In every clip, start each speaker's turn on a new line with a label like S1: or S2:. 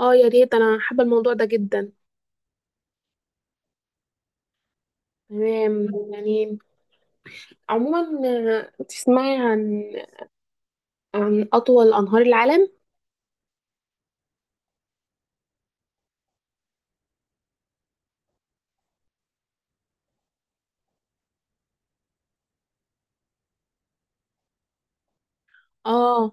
S1: اه، يا ريت انا حابه الموضوع ده جدا. تمام، يعني. عموما، تسمعي عن اطول انهار العالم. اه،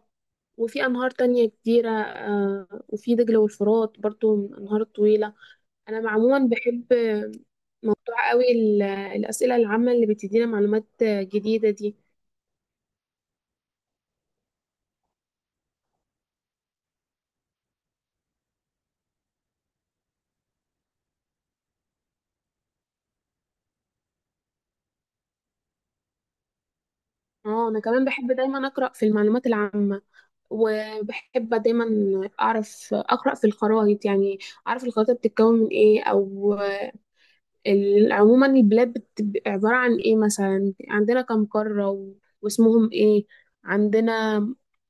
S1: وفي انهار تانية كتيره، وفي دجله والفرات برضو من انهار طويله. انا عموما بحب موضوع قوي، الاسئله العامه اللي بتدينا معلومات جديده دي. اه، انا كمان بحب دايما اقرا في المعلومات العامه، وبحب دايما اعرف اقرا في الخرائط. يعني اعرف الخريطه بتتكون من ايه، او عموما البلاد بتبقى عبارة عن ايه. مثلا عندنا كم قارة، واسمهم ايه، عندنا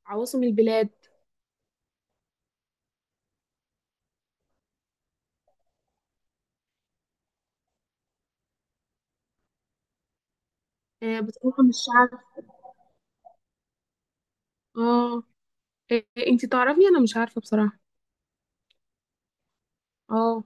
S1: عواصم البلاد. بتروح من الشعب. اه، إيه، انتي تعرفي؟ انا مش عارفة بصراحة. اه.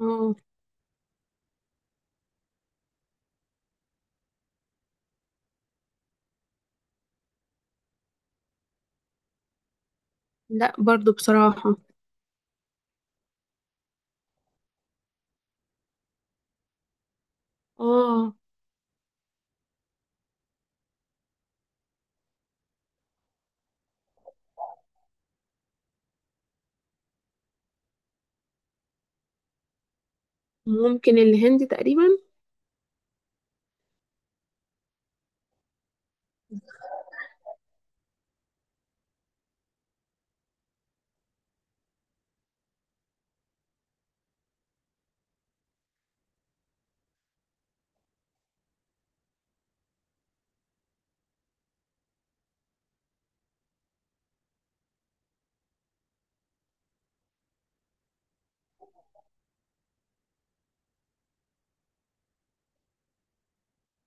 S1: اه. لا، برضو بصراحة. اه. ممكن الهند تقريبا.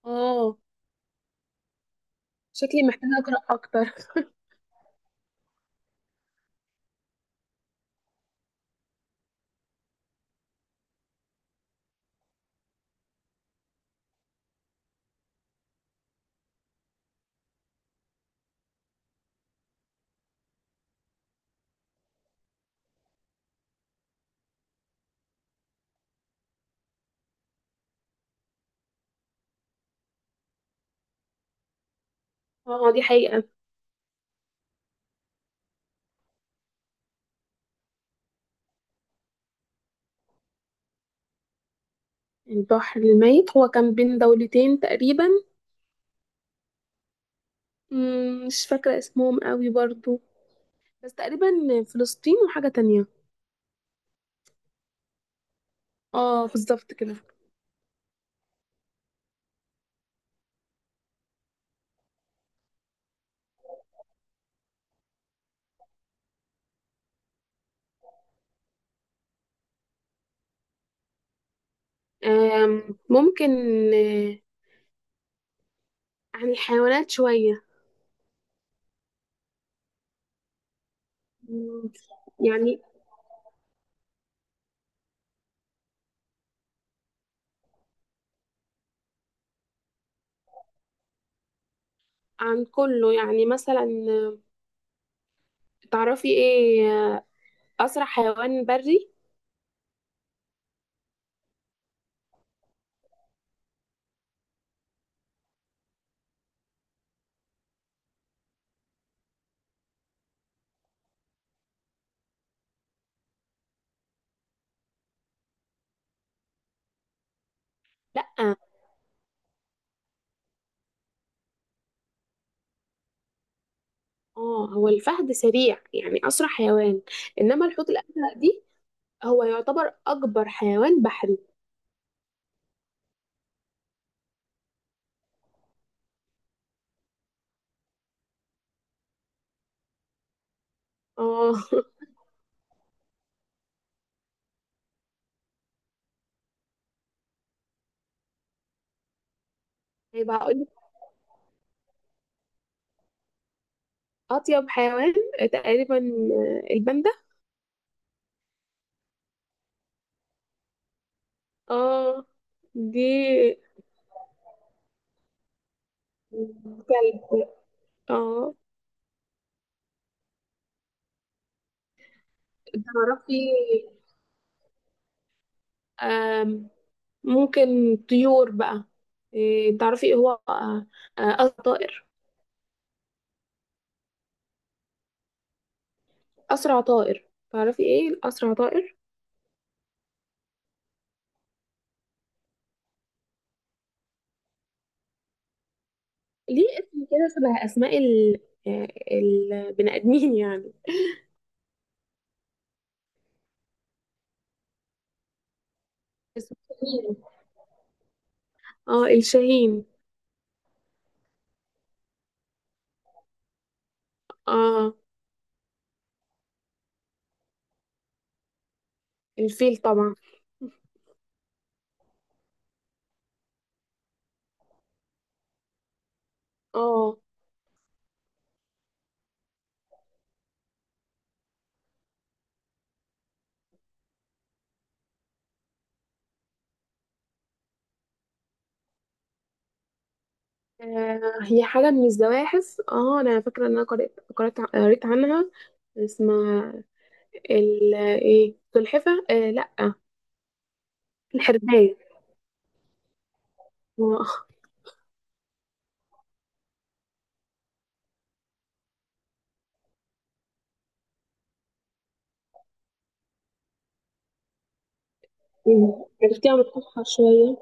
S1: اه، شكلي محتاجة أقرأ أكتر. اه، دي حقيقة. البحر الميت هو كان بين دولتين تقريبا. مش فاكرة اسمهم قوي برضو، بس تقريبا فلسطين وحاجة تانية. اه، بالظبط كده. ممكن. آه، عن الحيوانات شوية. مم، يعني. عن كله يعني، مثلا تعرفي ايه أسرع حيوان بري؟ لأ. اه، هو الفهد سريع يعني، أسرع حيوان. إنما الحوت الأزرق دي، هو يعتبر أكبر حيوان بحري. اه. هيبقى هقولك أطيب حيوان، تقريبا الباندا. اه. دي كلب. اه. تعرفي، آم، ممكن طيور بقى. إيه، تعرفي ايه هو أسرع طائر؟ أسرع طائر، تعرفي ايه أسرع طائر؟ ليه اسم كده شبه أسماء ال آه، البني آدمين يعني. اسمه شاهين. اه، الشاهين. اه. الفيل طبعا. اه. هي حاجة من الزواحف. اه، أنا فاكرة إن أنا قريت عنها. اسمها ال ايه سلحفة، آه لأ. الحرباية. آه. مم. عرفتي عن القطحة شوية.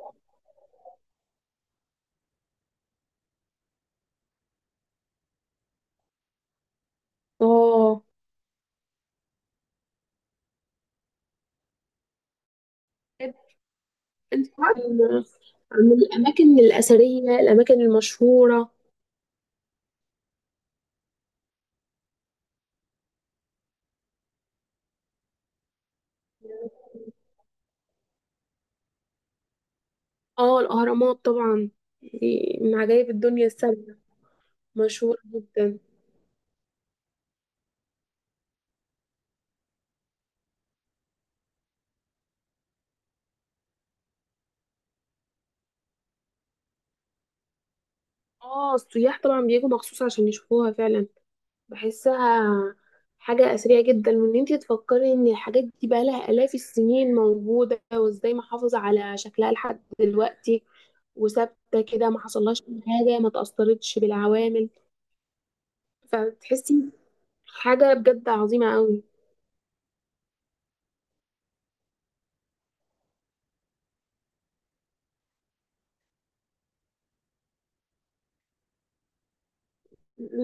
S1: اه، الفرق. عن عن الأماكن الأثرية، الأماكن المشهورة. اه، الأهرامات طبعا، دي من عجائب الدنيا السبع. مشهورة جدا. اه، السياح طبعا بيجوا مخصوص عشان يشوفوها فعلا. بحسها حاجة أثرية جدا، وإن انتي تفكري إن الحاجات دي بقالها آلاف السنين موجودة، وإزاي محافظة على شكلها لحد دلوقتي، وثابتة كده، ما حصلهاش أي حاجة، ما تأثرتش بالعوامل. فتحسي حاجة بجد عظيمة قوي.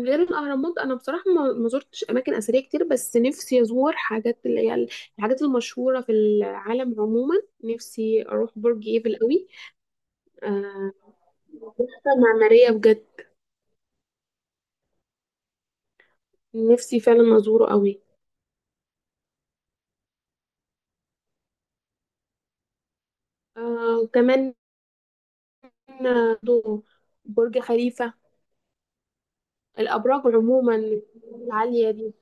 S1: غير الأهرامات، أنا بصراحة ما زرتش أماكن أثرية كتير، بس نفسي أزور حاجات اللي هي الحاجات المشهورة في العالم عموما. نفسي أروح برج إيفل قوي. آه، تحفة معمارية بجد، نفسي فعلا أزوره قوي. وكمان آه، دو- برج خليفة، الأبراج عموما العالية دي.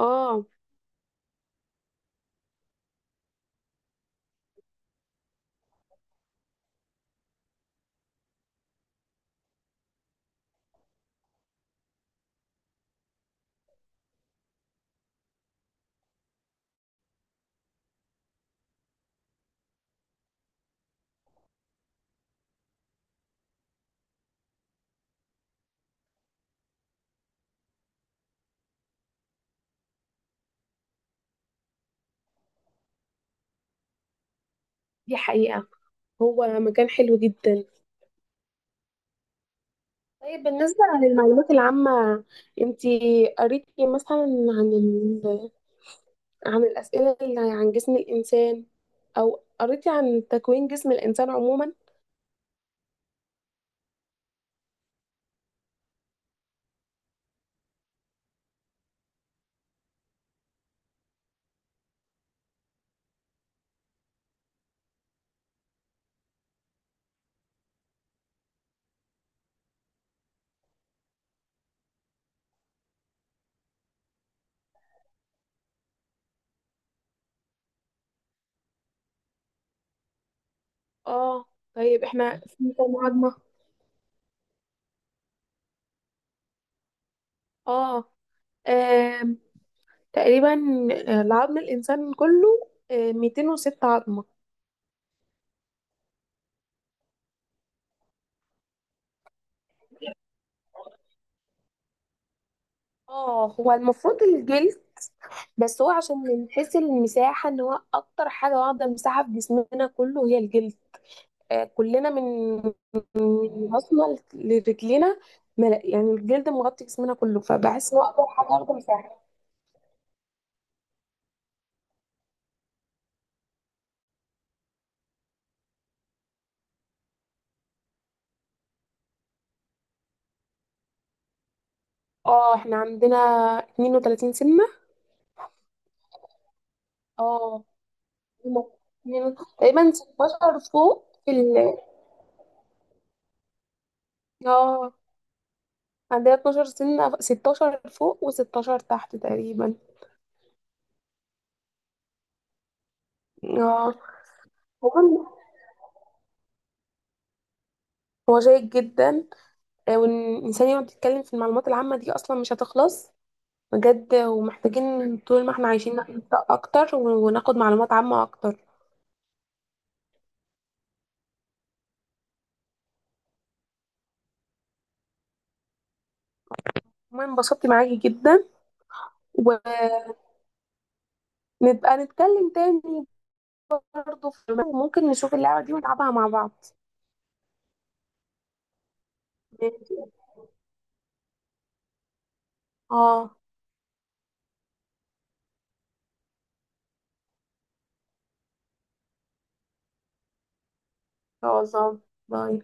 S1: اه، دي حقيقة. هو مكان حلو جدا. طيب بالنسبة للمعلومات العامة، انتي قريتي مثلا عن ال... عن الأسئلة اللي عن جسم الإنسان، أو قريتي عن تكوين جسم الإنسان عموما؟ اه. طيب احنا في كام عظمة؟ اه. آم، تقريبا العظم الإنسان كله 206 عظمة. اه، هو المفروض الجلد، بس هو عشان من حيث المساحة ان هو أكتر حاجة واخدة مساحة في جسمنا كله هي الجلد. كلنا من راسنا لرجلينا. يعني الجلد مغطي جسمنا كله، فبحس ان هو اقدر حاجه اخده مساحه. اه، احنا عندنا 32 سنه. اه، هما تقريبا 16 فوق في ال اه. عندنا 12 سنه، 16 فوق و16 تحت تقريبا. اه، هو هو شيق جدا. وان الانسان يقعد يتكلم في المعلومات العامه دي اصلا مش هتخلص بجد، ومحتاجين طول ما احنا عايشين نقرا اكتر، وناخد معلومات عامة اكتر. المهم انبسطت معاكي جدا، ونبقى نتكلم تاني برضه. في ممكن نشوف اللعبة دي ونلعبها مع بعض. ماشي. اه، ان شاء الله. باي.